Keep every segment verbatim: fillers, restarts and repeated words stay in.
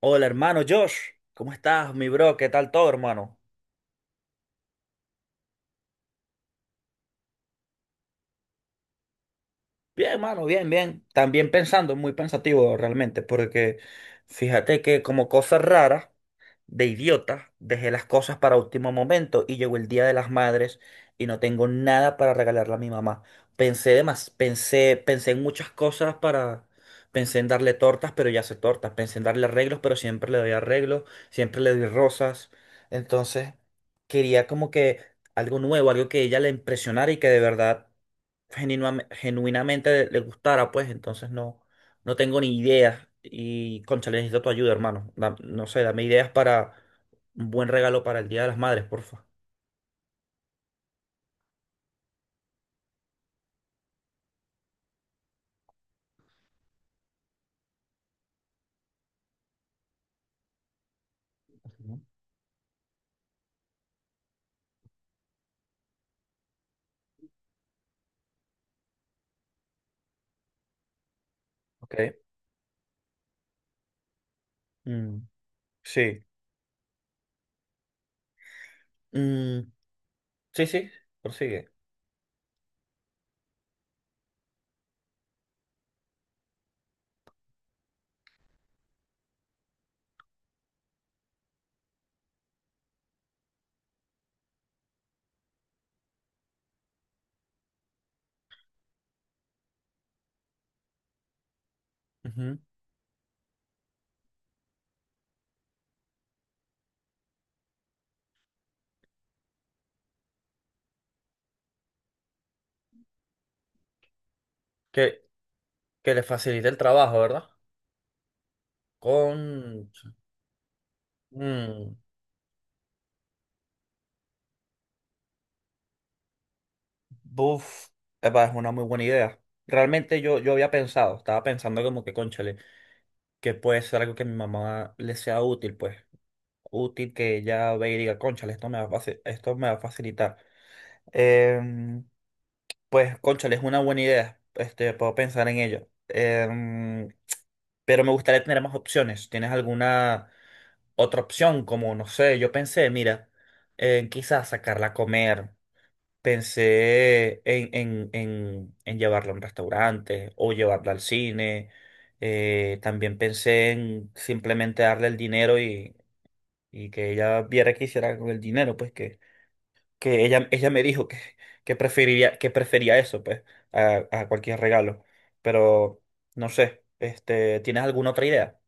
Hola, hermano Josh. ¿Cómo estás, mi bro? ¿Qué tal todo, hermano? Bien, hermano, bien, bien. También pensando, muy pensativo realmente, porque fíjate que como cosas raras, de idiota, dejé las cosas para último momento y llegó el Día de las Madres y no tengo nada para regalarle a mi mamá. Pensé de más, pensé, pensé en muchas cosas para, pensé en darle tortas, pero ya hace tortas, pensé en darle arreglos, pero siempre le doy arreglos, siempre le doy rosas. Entonces, quería como que algo nuevo, algo que ella le impresionara y que de verdad genuam- genuinamente le le gustara, pues entonces no. No tengo ni ideas y, cónchale, necesito tu ayuda, hermano. Da- no sé, dame ideas para un buen regalo para el Día de las Madres, porfa. Ujú. Ok. Mm, sí. Mm, sí, sí, prosigue. Ujú. Que, que le facilite el trabajo, ¿verdad? Con... Mm, buf, epa, es una muy buena idea. Realmente yo, yo había pensado, estaba pensando como que, cónchale, que puede ser algo que a mi mamá le sea útil, pues. Útil que ella vea y diga, cónchale, esto me va a faci- esto me va a facilitar. Em, pues, cónchale, es una buena idea. Este, puedo pensar en ello. Em, pero me gustaría tener más opciones. ¿Tienes alguna otra opción? Como, no sé, yo pensé, mira, en quizás sacarla a comer. Pensé en, en, en, en llevarla a un restaurante o llevarla al cine. Eh, también pensé en simplemente darle el dinero y, y que ella viera qué hiciera con el dinero, pues que ella, ella me dijo que, que preferiría, que prefería eso, pues, a, a cualquier regalo. Pero, no sé, este, ¿tienes alguna otra idea?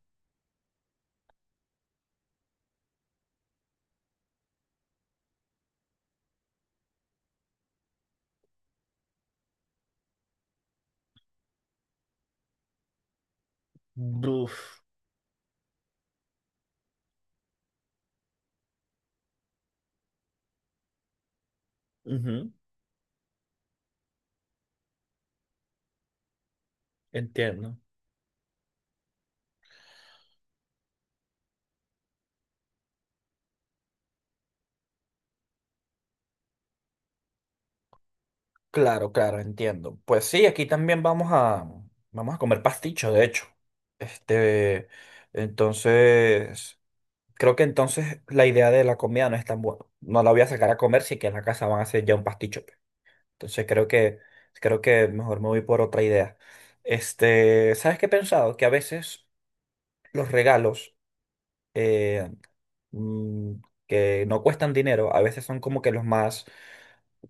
Uf, ujú, entiendo. Claro, claro, entiendo. Pues sí, aquí también vamos a, vamos a comer pasticho, de hecho. Este, entonces, creo que entonces la idea de la comida no es tan buena. No la voy a sacar a comer, sí que en la casa van a hacer ya un pasticho. Entonces creo que, creo que mejor me voy por otra idea. Este, ¿sabes qué he pensado? Que a veces los regalos eh, mm, que no cuestan dinero, a veces son como que los más,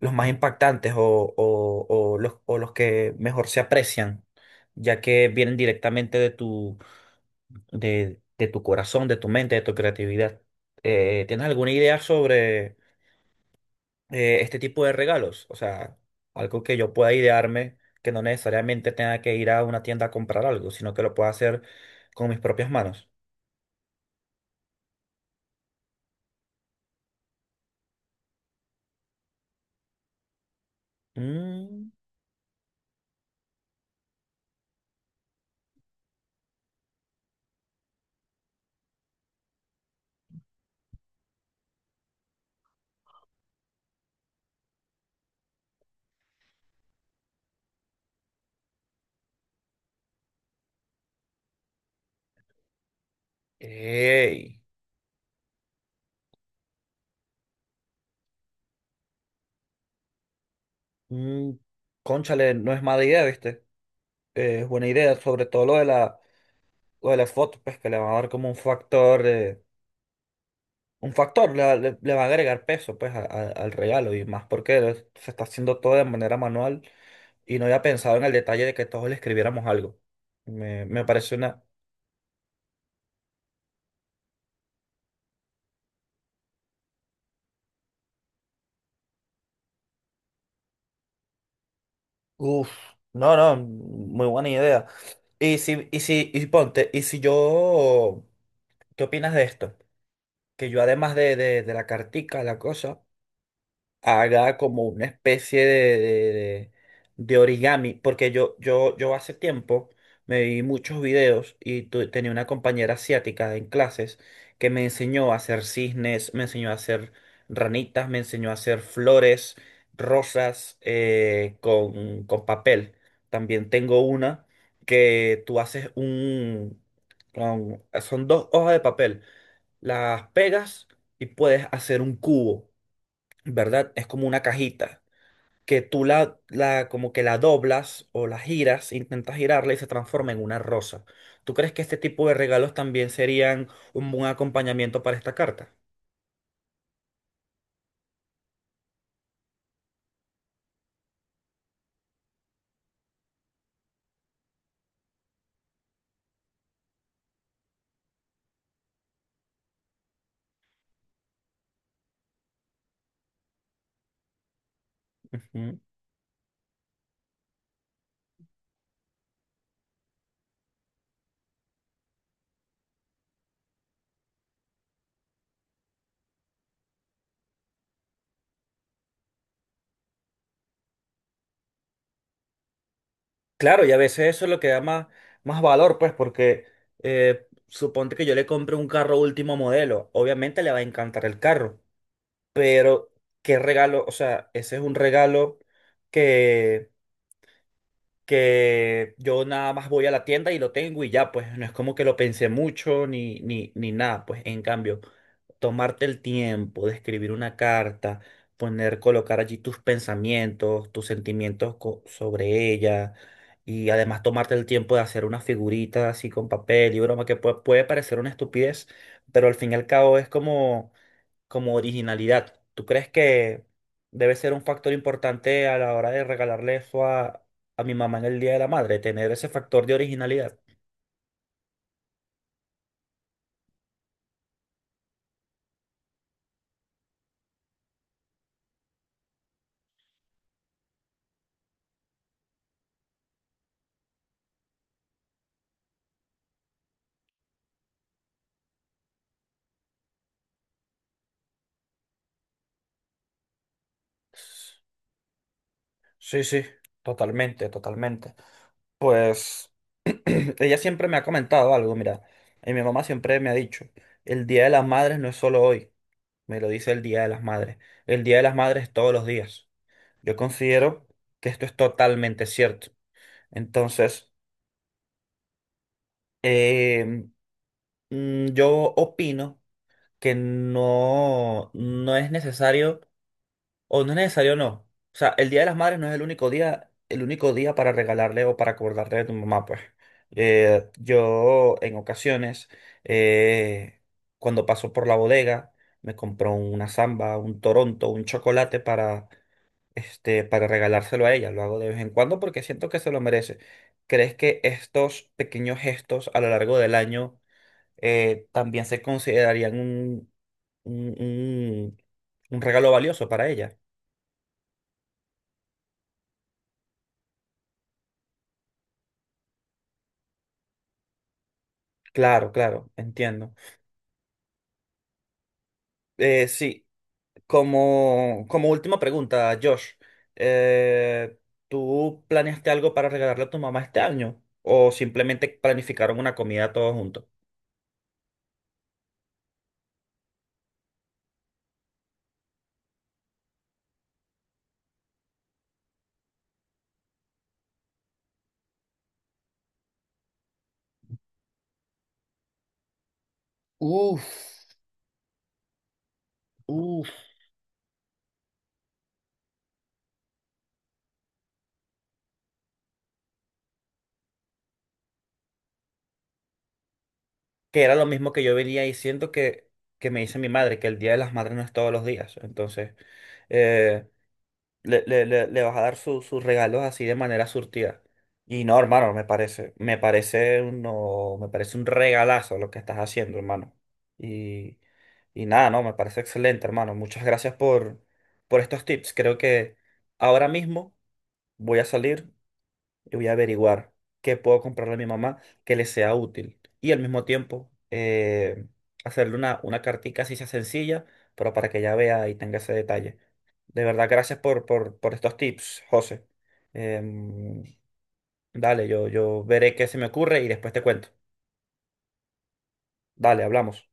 los más impactantes o, o- o los, o los que mejor se aprecian, ya que vienen directamente de tu, de, de tu corazón, de tu mente, de tu creatividad. Eh, ¿tienes alguna idea sobre... eh, este tipo de regalos? O sea, algo que yo pueda idearme, que no necesariamente tenga que ir a una tienda a comprar algo, sino que lo pueda hacer con mis propias manos. Mm, ey, mm, cónchale, no es mala idea, ¿viste? Eh, es buena idea, sobre todo lo de la, lo de las fotos, pues que le va a dar como un factor, eh, un factor, le, va le- le va a agregar peso pues a- a- al regalo y más porque lo- se está haciendo todo de manera manual y no había pensado en el detalle de que todos le escribiéramos algo. Me, me parece una, uf, no, no, muy buena idea. Y si, y si, y ponte, y si yo, ¿qué opinas de esto? Que yo además de, de, de la cartica, la cosa, haga como una especie de, de, de- de origami, porque yo, yo, yo hace tiempo me vi muchos videos y tu- tenía una compañera asiática en clases que me enseñó a hacer cisnes, me enseñó a hacer ranitas, me enseñó a hacer flores, rosas eh, con, con papel. También tengo una que tú haces un... con- son dos hojas de papel, las pegas y puedes hacer un cubo. ¿Verdad? Es como una cajita que tú la, la como que la doblas o la giras, intentas girarla y se transforma en una rosa. ¿Tú crees que este tipo de regalos también serían un buen acompañamiento para esta carta? Ujú. Claro, y a veces eso es lo que da más, más valor, pues, porque eh, suponte que yo le compre un carro último modelo. Obviamente le va a encantar el carro, pero ¿qué regalo? O sea, ese es un regalo que que yo nada más voy a la tienda y lo tengo y ya, pues no es como que lo pensé mucho ni, ni, ni nada, pues en cambio, tomarte el tiempo de escribir una carta, poner, colocar allí tus pensamientos, tus sentimientos co- sobre ella y además tomarte el tiempo de hacer una figurita así con papel y broma que pue- puede parecer una estupidez, pero al fin y al cabo es como como originalidad. ¿Tú crees que debe ser un factor importante a la hora de regalarle eso a, a mi mamá en el Día de la Madre, tener ese factor de originalidad? Sí, sí, totalmente, totalmente. Pues ella siempre me ha comentado algo, mira, y mi mamá siempre me ha dicho, el Día de las Madres no es solo hoy, me lo dice el Día de las Madres, el Día de las Madres es todos los días. Yo considero que esto es totalmente cierto. Entonces, em, Mm, yo opino que no, no es necesario, o no es necesario, no. O sea, el Día de las Madres no es el único día, el único día para regalarle o para acordarle a tu mamá, pues. Eh, yo en ocasiones, eh, cuando paso por la bodega, me compro una samba, un Toronto, un chocolate para, este, para regalárselo a ella. Lo hago de vez en cuando porque siento que se lo merece. ¿Crees que estos pequeños gestos a lo largo del año eh, también se considerarían un, un, un- un regalo valioso para ella? Claro, claro, entiendo. Eh, sí, como, como última pregunta, Josh, eh, ¿tú planeaste algo para regalarle a tu mamá este año? ¿O simplemente planificaron una comida todos juntos? Uf, uf. Que era lo mismo que yo venía diciendo que, que me dice mi madre, que el Día de las Madres no es todos los días. Entonces, eh, Le, le, le, le vas a dar su- sus regalos así de manera surtida. Y no, hermano, me parece, me parece uno, me parece un regalazo lo que estás haciendo, hermano. Y, y nada, no, me parece excelente, hermano. Muchas gracias por, por estos tips. Creo que ahora mismo voy a salir, y voy a averiguar qué puedo comprarle a mi mamá que le sea útil. Y al mismo tiempo, eh, hacerle una, una cartica así sea sencilla, pero para que ella vea y tenga ese detalle. De verdad, gracias por, por, por estos tips, José. Em, dale, yo, yo veré qué se me ocurre y después te cuento. Dale, hablamos.